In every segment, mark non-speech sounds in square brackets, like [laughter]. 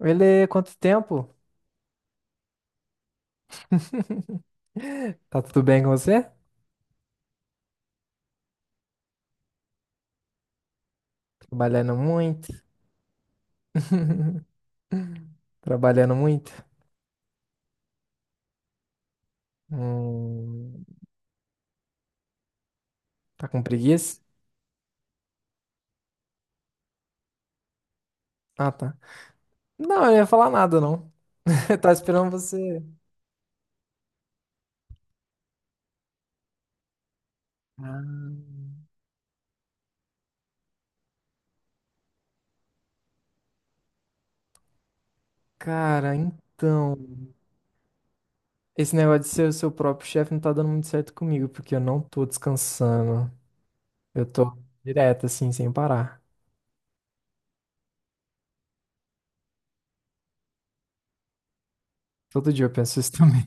Ele, quanto tempo? [laughs] Tá tudo bem com você? Trabalhando muito? [laughs] Trabalhando muito? Hum, tá com preguiça? Ah, tá. Não, eu não ia falar nada, não. [laughs] Eu tava esperando você. Ah, cara, então. Esse negócio de ser o seu próprio chefe não tá dando muito certo comigo, porque eu não tô descansando. Eu tô direto, assim, sem parar. Todo dia eu penso isso [laughs] também.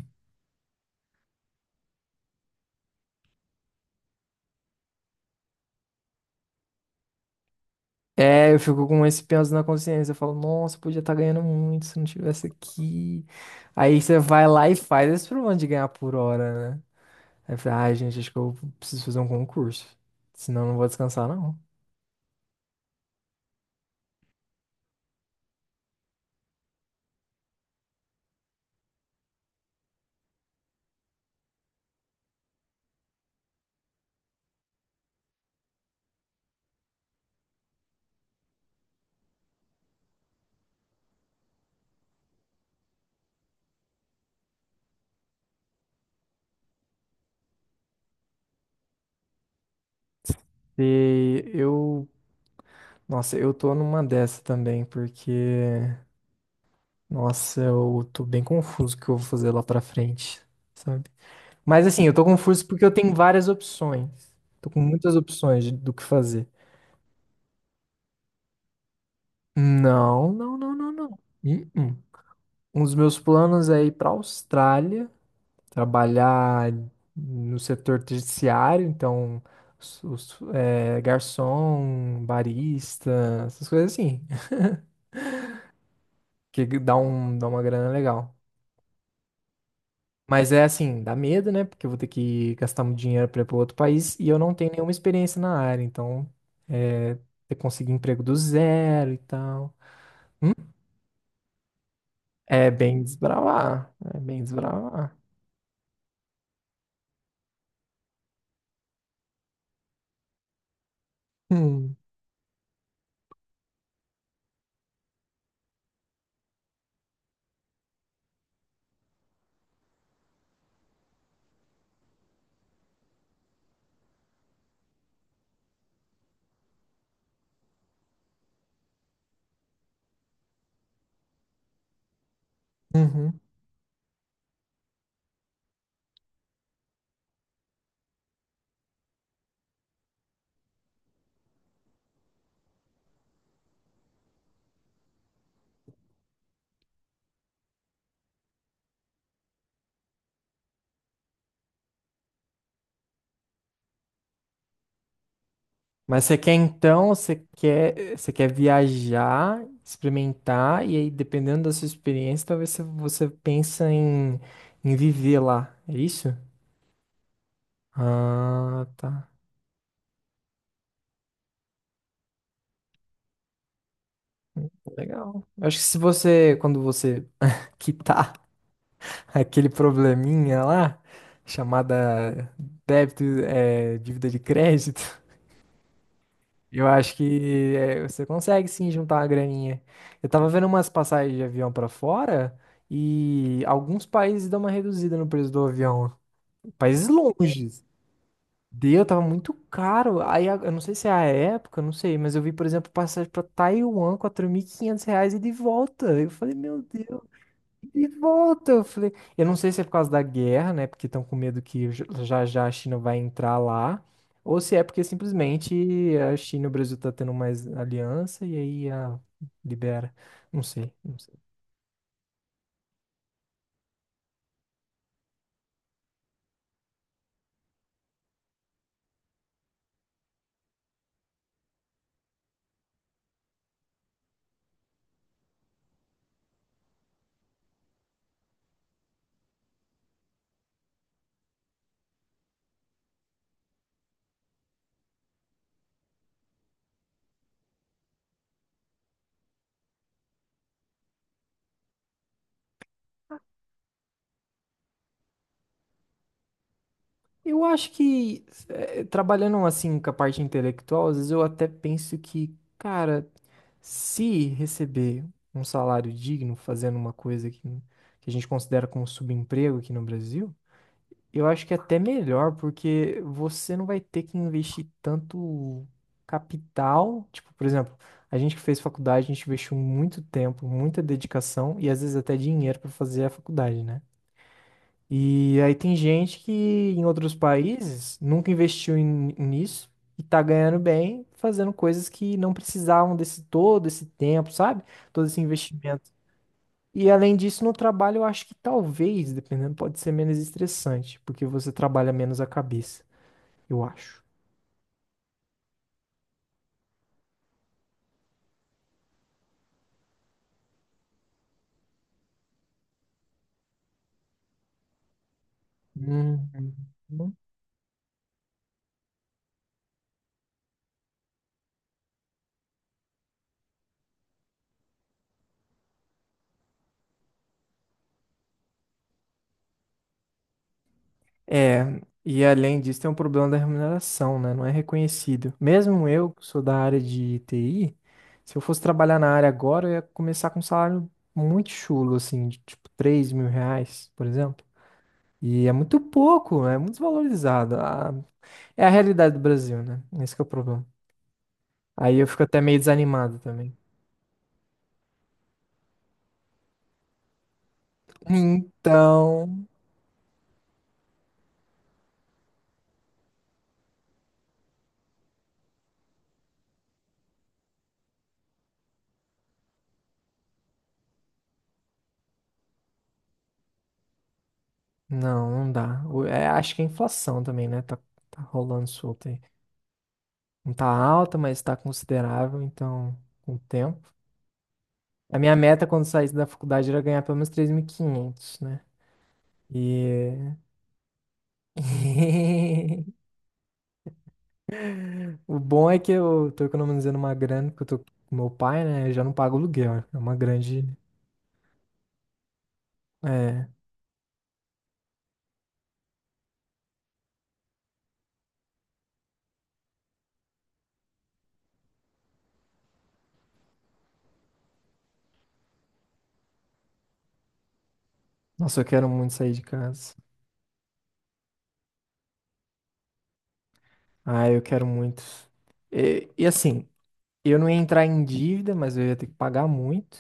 É, eu fico com esse peso na consciência. Eu falo, nossa, podia estar ganhando muito se não tivesse aqui. Aí você vai lá e faz esse problema de ganhar por hora, né? Aí fala, ai, gente, acho que eu preciso fazer um concurso. Senão eu não vou descansar, não. E eu, nossa, eu tô numa dessa também, porque, nossa, eu tô bem confuso o que eu vou fazer lá pra frente, sabe? Mas assim, eu tô confuso porque eu tenho várias opções. Tô com muitas opções do que fazer. Não, não, não, não, não. Uh-uh. Um dos meus planos é ir para a Austrália, trabalhar no setor terciário, então é, garçom, barista, essas coisas assim. [laughs] Que dá um, dá uma grana legal. Mas é assim, dá medo, né? Porque eu vou ter que gastar muito dinheiro para ir para outro país e eu não tenho nenhuma experiência na área, então é, ter que conseguir emprego do zero e tal. É bem desbravar, é bem desbravar. Hum. Uhum. Mas você quer então, você quer viajar, experimentar, e aí dependendo da sua experiência, talvez você, você pensa em, em viver lá. É isso? Ah, tá. Legal. Eu acho que se você, quando você quitar [laughs] aquele probleminha lá, chamada débito, é, dívida de crédito. Eu acho que é, você consegue sim juntar uma graninha. Eu tava vendo umas passagens de avião pra fora e alguns países dão uma reduzida no preço do avião. Países longes. Deu, tava muito caro. Eu não sei se é a época, eu não sei, mas eu vi, por exemplo, passagem pra Taiwan, R$ 4.500 e de volta. Eu falei, meu Deus. E volta, eu falei. Eu não sei se é por causa da guerra, né? Porque estão com medo que já já a China vai entrar lá, ou se é porque simplesmente a China e o Brasil tá tendo mais aliança e aí a libera. Não sei, não sei. Eu acho que trabalhando assim com a parte intelectual, às vezes eu até penso que, cara, se receber um salário digno fazendo uma coisa que a gente considera como subemprego aqui no Brasil. Eu acho que é até melhor, porque você não vai ter que investir tanto capital. Tipo, por exemplo, a gente que fez faculdade, a gente investiu muito tempo, muita dedicação e às vezes até dinheiro para fazer a faculdade, né? E aí tem gente que em outros países nunca investiu nisso e tá ganhando bem fazendo coisas que não precisavam desse todo esse tempo, sabe? Todo esse investimento. E além disso, no trabalho, eu acho que talvez, dependendo, pode ser menos estressante, porque você trabalha menos a cabeça, eu acho. Uhum. É, e além disso, tem um problema da remuneração, né? Não é reconhecido. Mesmo eu, que sou da área de TI, se eu fosse trabalhar na área agora, eu ia começar com um salário muito chulo, assim, de tipo R$ 3.000, por exemplo. E é muito pouco, é muito desvalorizado. É a realidade do Brasil, né? Esse que é o problema. Aí eu fico até meio desanimado também. Então, não, não dá. É, acho que a inflação também, né? Tá, tá rolando solta aí. Não tá alta, mas tá considerável, então, com o tempo. A minha meta quando saísse da faculdade era ganhar pelo menos 3.500, né? E [laughs] o bom é que eu tô economizando uma grana, porque eu tô com meu pai, né? Eu já não pago aluguel, né? É uma grande. É. Nossa, eu quero muito sair de casa. Ah, eu quero muito. E assim, eu não ia entrar em dívida, mas eu ia ter que pagar muito.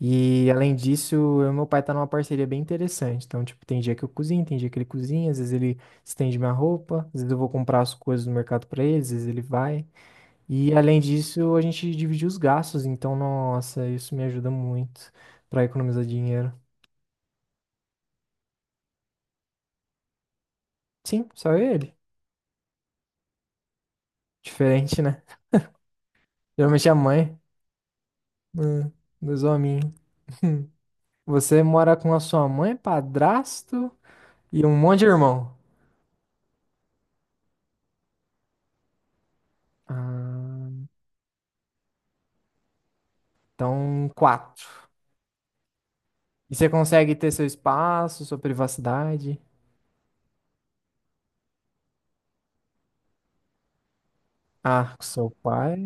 E além disso, eu e meu pai tá numa parceria bem interessante. Então, tipo, tem dia que eu cozinho, tem dia que ele cozinha, às vezes ele estende minha roupa, às vezes eu vou comprar as coisas no mercado pra ele, às vezes ele vai. E além disso, a gente divide os gastos, então, nossa, isso me ajuda muito pra economizar dinheiro. Sim, só ele. Diferente, né? Geralmente a mãe, hum, dos hominhos. Você mora com a sua mãe, padrasto e um monte de irmão. Ah. Então, quatro. E você consegue ter seu espaço, sua privacidade? Ah, com seu pai?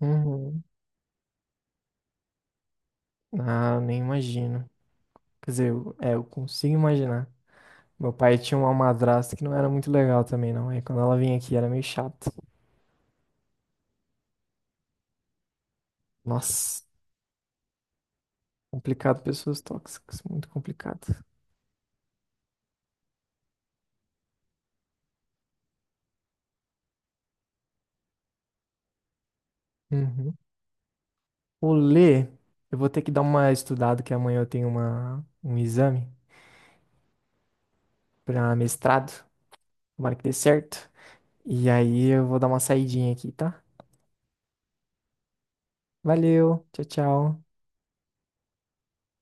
Uhum. Ah, nem imagino. Quer dizer, é, eu consigo imaginar. Meu pai tinha uma madrasta que não era muito legal também, não. Aí quando ela vinha aqui era meio chato. Nossa, complicado, pessoas tóxicas, muito complicado. Uhum. O Lê, eu vou ter que dar uma estudada, que amanhã eu tenho uma, um exame para mestrado. Tomara que dê certo. E aí eu vou dar uma saidinha aqui, tá? Valeu, tchau, tchau.